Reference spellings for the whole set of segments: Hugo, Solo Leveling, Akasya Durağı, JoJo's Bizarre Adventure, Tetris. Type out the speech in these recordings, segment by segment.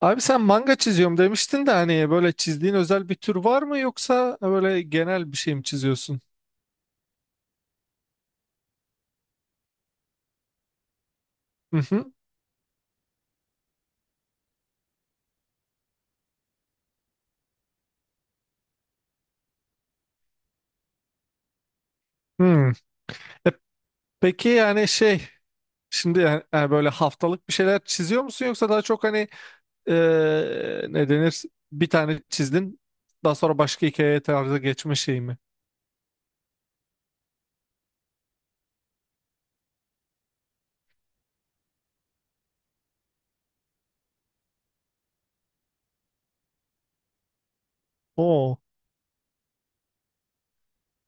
Abi sen manga çiziyorum demiştin de hani böyle çizdiğin özel bir tür var mı yoksa böyle genel bir şey mi çiziyorsun? Hı hı. Hmm. E, peki yani şey şimdi yani böyle haftalık bir şeyler çiziyor musun yoksa daha çok hani ne denir bir tane çizdin daha sonra başka hikaye tarzı geçme şey mi? Oo.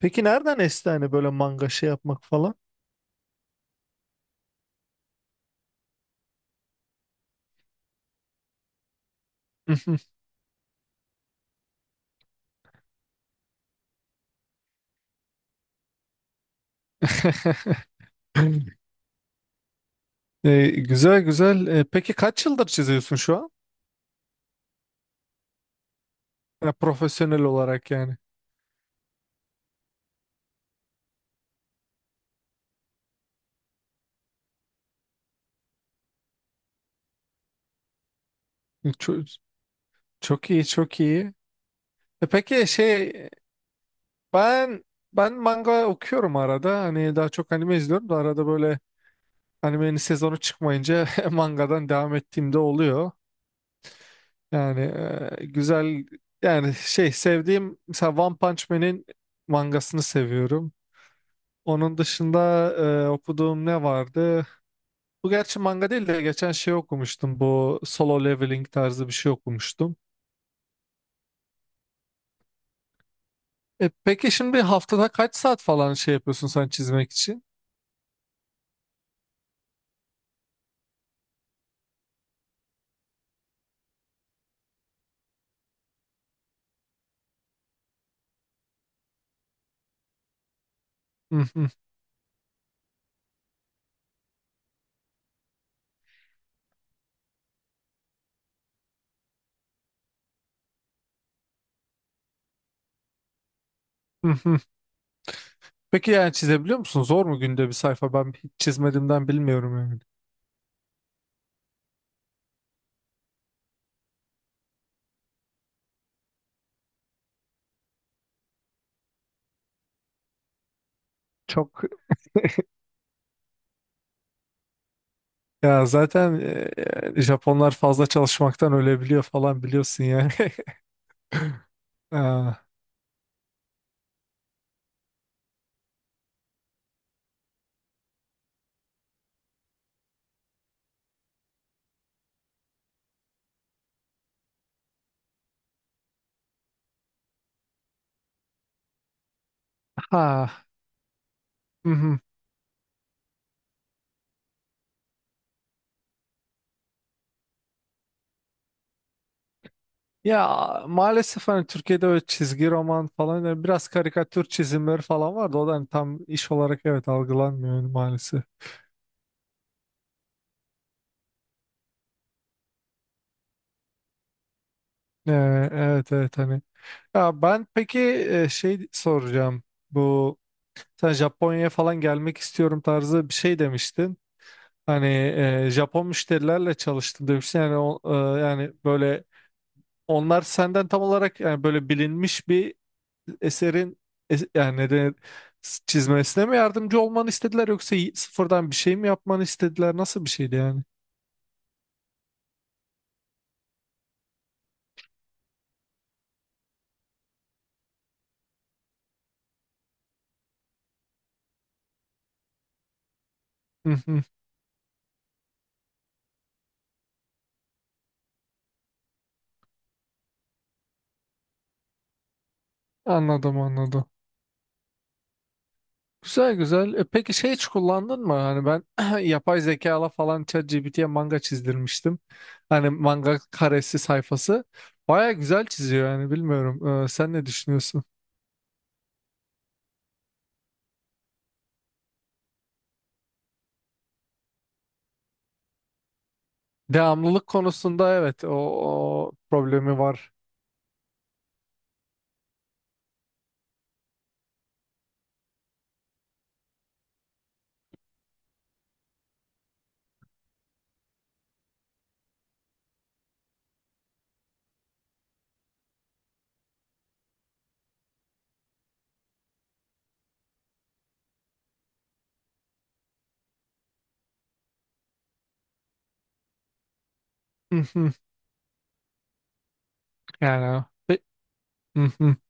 Peki nereden esti hani böyle manga şey yapmak falan? Güzel güzel. Peki kaç yıldır çiziyorsun şu an? Profesyonel olarak yani. Çok, çok iyi, çok iyi. Peki şey ben ben manga okuyorum arada. Hani daha çok anime izliyorum da arada böyle animenin sezonu çıkmayınca mangadan devam ettiğimde oluyor. Yani güzel yani şey sevdiğim mesela One Punch Man'in mangasını seviyorum. Onun dışında okuduğum ne vardı? Bu gerçi manga değil de geçen şey okumuştum. Bu solo leveling tarzı bir şey okumuştum. Peki şimdi haftada kaç saat falan şey yapıyorsun sen çizmek için? Hı hı, hı hı. Peki yani çizebiliyor musun? Zor mu günde bir sayfa? Ben hiç çizmediğimden bilmiyorum yani. Çok ya zaten Japonlar fazla çalışmaktan ölebiliyor falan biliyorsun yani. Ha, ha. Hı hı. Ya maalesef hani Türkiye'de öyle çizgi roman falan yani biraz karikatür çizimleri falan vardı. O da hani tam iş olarak evet algılanmıyor yani maalesef. Evet evet hani. Ya ben peki şey soracağım. Bu sen Japonya'ya falan gelmek istiyorum tarzı bir şey demiştin. Hani Japon müşterilerle çalıştın demiştin. Yani o, yani böyle onlar senden tam olarak yani böyle bilinmiş bir eserin yani neden çizmesine mi yardımcı olmanı istediler yoksa sıfırdan bir şey mi yapmanı istediler? Nasıl bir şeydi yani? Hı hı. Anladım anladım. Güzel güzel. Peki şey hiç kullandın mı? Hani ben yapay zekala falan ChatGPT'ye manga çizdirmiştim. Hani manga karesi sayfası. Baya güzel çiziyor yani bilmiyorum. Sen ne düşünüyorsun? Devamlılık konusunda evet o, o problemi var. Hı hı. Yani. Pe-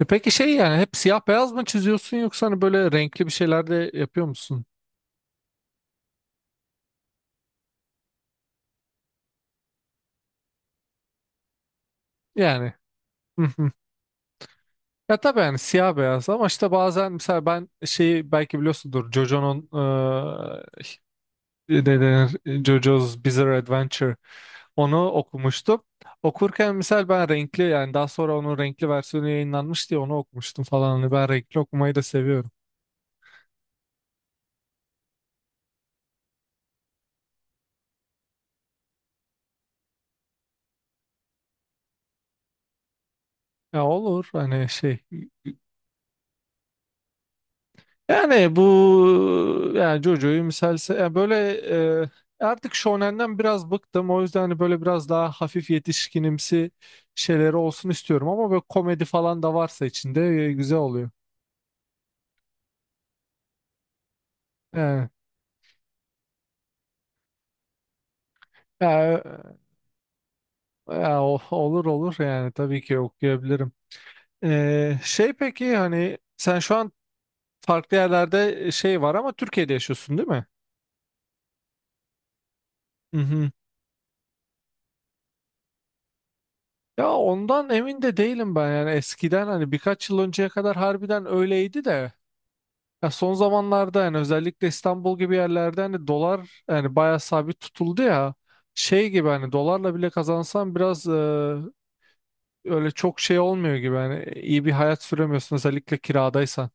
Peki şey yani hep siyah beyaz mı çiziyorsun yoksa hani böyle renkli bir şeyler de yapıyor musun? Yani. Hı hı. Ya tabii yani siyah beyaz ama işte bazen mesela ben şeyi belki biliyorsundur JoJo'nun ne denir JoJo's Bizarre Adventure onu okumuştum. Okurken mesela ben renkli yani daha sonra onun renkli versiyonu yayınlanmış diye onu okumuştum falan. Hani ben renkli okumayı da seviyorum. Ya olur hani şey yani bu yani JoJo'yu misalse ya böyle e, artık Shonen'den biraz bıktım o yüzden hani böyle biraz daha hafif yetişkinimsi şeyleri olsun istiyorum ama böyle komedi falan da varsa içinde güzel oluyor. Yani, ya, ya olur olur yani tabii ki okuyabilirim. Şey peki hani sen şu an farklı yerlerde şey var ama Türkiye'de yaşıyorsun değil mi? Mhm. Ya ondan emin de değilim ben yani eskiden hani birkaç yıl önceye kadar harbiden öyleydi de ya son zamanlarda yani özellikle İstanbul gibi yerlerde hani dolar yani bayağı sabit tutuldu ya şey gibi hani dolarla bile kazansan biraz öyle çok şey olmuyor gibi hani iyi bir hayat süremiyorsun özellikle kiradaysan.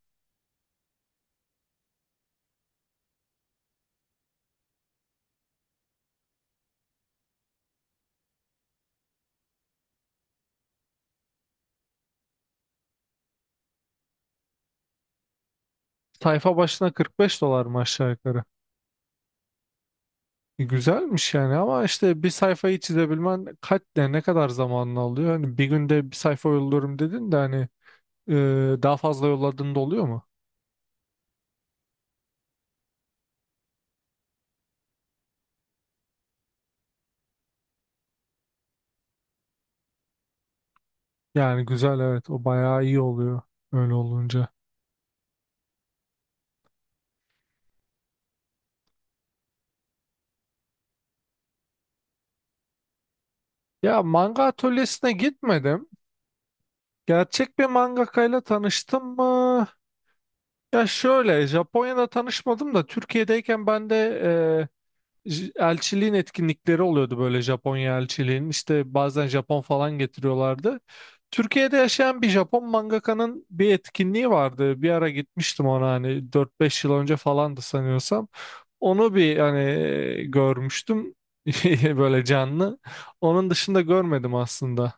Sayfa başına 45 dolar mı aşağı yukarı? Güzelmiş yani ama işte bir sayfayı çizebilmen kaç ne kadar zamanını alıyor? Hani bir günde bir sayfa yolluyorum dedin de hani e, daha fazla yolladığın da oluyor mu? Yani güzel evet o bayağı iyi oluyor öyle olunca. Ya manga atölyesine gitmedim. Gerçek bir mangakayla tanıştım mı? Ya şöyle Japonya'da tanışmadım da Türkiye'deyken ben de e, elçiliğin etkinlikleri oluyordu böyle Japonya elçiliğinin. İşte bazen Japon falan getiriyorlardı. Türkiye'de yaşayan bir Japon mangakanın bir etkinliği vardı. Bir ara gitmiştim ona hani dört beş yıl önce falandı sanıyorsam. Onu bir hani görmüştüm böyle canlı. Onun dışında görmedim aslında.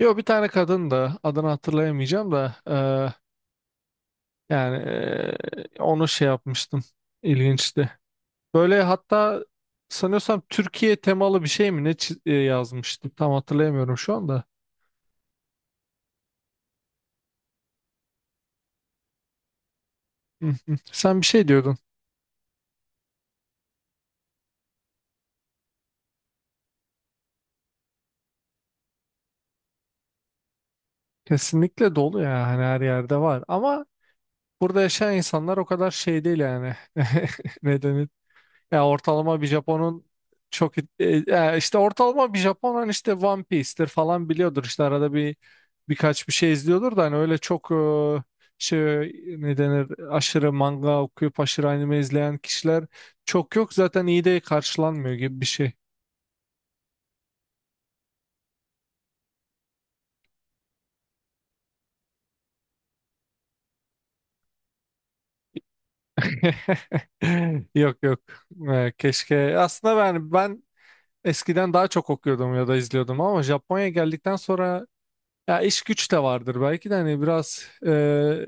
Yo bir tane kadın da adını hatırlayamayacağım da yani onu şey yapmıştım. İlginçti. Böyle hatta sanıyorsam Türkiye temalı bir şey mi ne yazmıştı tam hatırlayamıyorum şu anda. Hı hı. Sen bir şey diyordun. Kesinlikle dolu ya hani her yerde var ama burada yaşayan insanlar o kadar şey değil yani. Ne Ya ortalama bir Japon'un çok işte ortalama bir Japon hani işte One Piece'tir falan biliyordur işte arada bir birkaç bir şey izliyordur da hani öyle çok şey ne denir aşırı manga okuyup aşırı anime izleyen kişiler çok yok zaten iyi de karşılanmıyor gibi bir şey. Yok yok. Keşke aslında ben eskiden daha çok okuyordum ya da izliyordum ama Japonya'ya geldikten sonra ya iş güç de vardır belki de hani biraz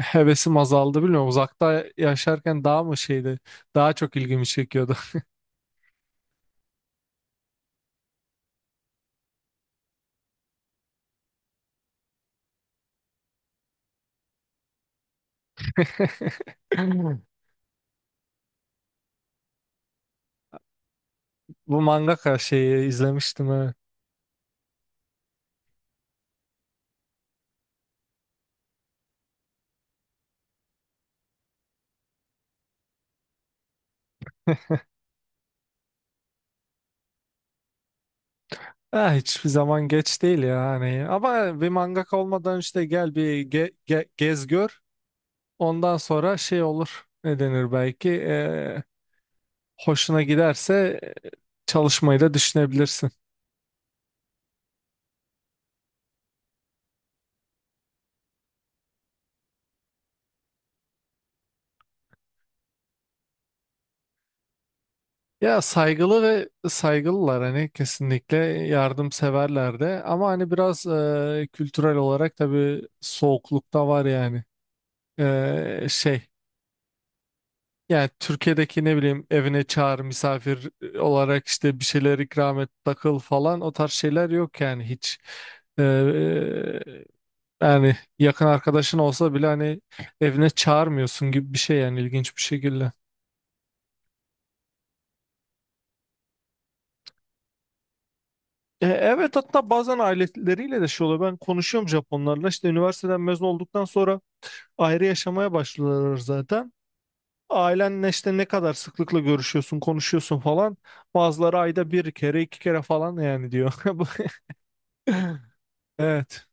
hevesim azaldı bilmiyorum. Uzakta yaşarken daha mı şeydi? Daha çok ilgimi çekiyordu. Bu mangaka şeyi izlemiştim evet. Ha, hiçbir zaman geç değil ya hani. Ama bir mangaka olmadan işte gel bir gez gör. Ondan sonra şey olur. Ne denir belki? Hoşuna giderse çalışmayı da düşünebilirsin. Ya saygılı ve saygılılar hani kesinlikle yardımseverler de ama hani biraz kültürel olarak tabii soğukluk da var yani. Şey yani Türkiye'deki ne bileyim evine çağır misafir olarak işte bir şeyler ikram et takıl falan o tarz şeyler yok yani hiç. E, yani yakın arkadaşın olsa bile hani evine çağırmıyorsun gibi bir şey yani ilginç bir şekilde. Evet hatta bazen aileleriyle de şey oluyor. Ben konuşuyorum Japonlarla. İşte üniversiteden mezun olduktan sonra ayrı yaşamaya başlıyorlar zaten. Ailenle işte ne kadar sıklıkla görüşüyorsun, konuşuyorsun falan. Bazıları ayda bir kere, iki kere falan yani diyor. Bu- Evet.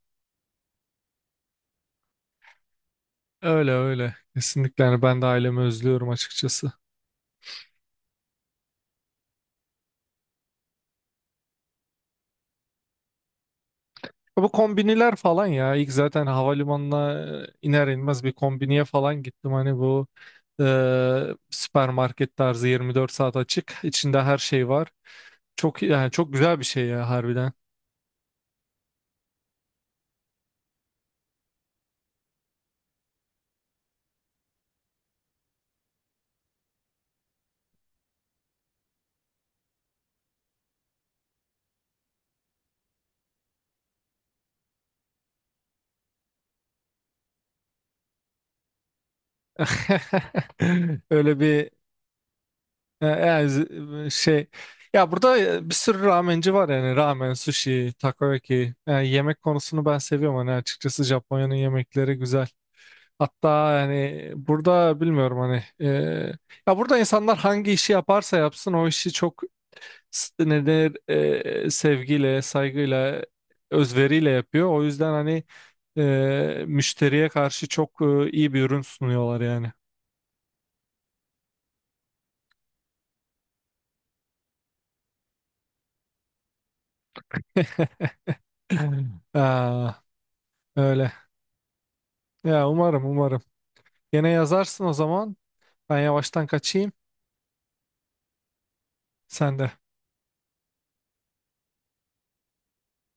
Öyle öyle. Kesinlikle yani ben de ailemi özlüyorum açıkçası. Bu kombiniler falan ya ilk zaten havalimanına iner inmez bir kombiniye falan gittim hani bu e, süpermarket tarzı 24 saat açık içinde her şey var çok yani çok güzel bir şey ya harbiden öyle bir yani şey ya burada bir sürü ramenci var yani ramen sushi takoyaki yani yemek konusunu ben seviyorum hani açıkçası Japonya'nın yemekleri güzel. Hatta yani burada bilmiyorum hani ya burada insanlar hangi işi yaparsa yapsın o işi çok ne denir sevgiyle, saygıyla, özveriyle yapıyor. O yüzden hani müşteriye karşı çok iyi bir ürün sunuyorlar yani. Aa, öyle. Ya umarım umarım. Gene yazarsın o zaman. Ben yavaştan kaçayım. Sen de.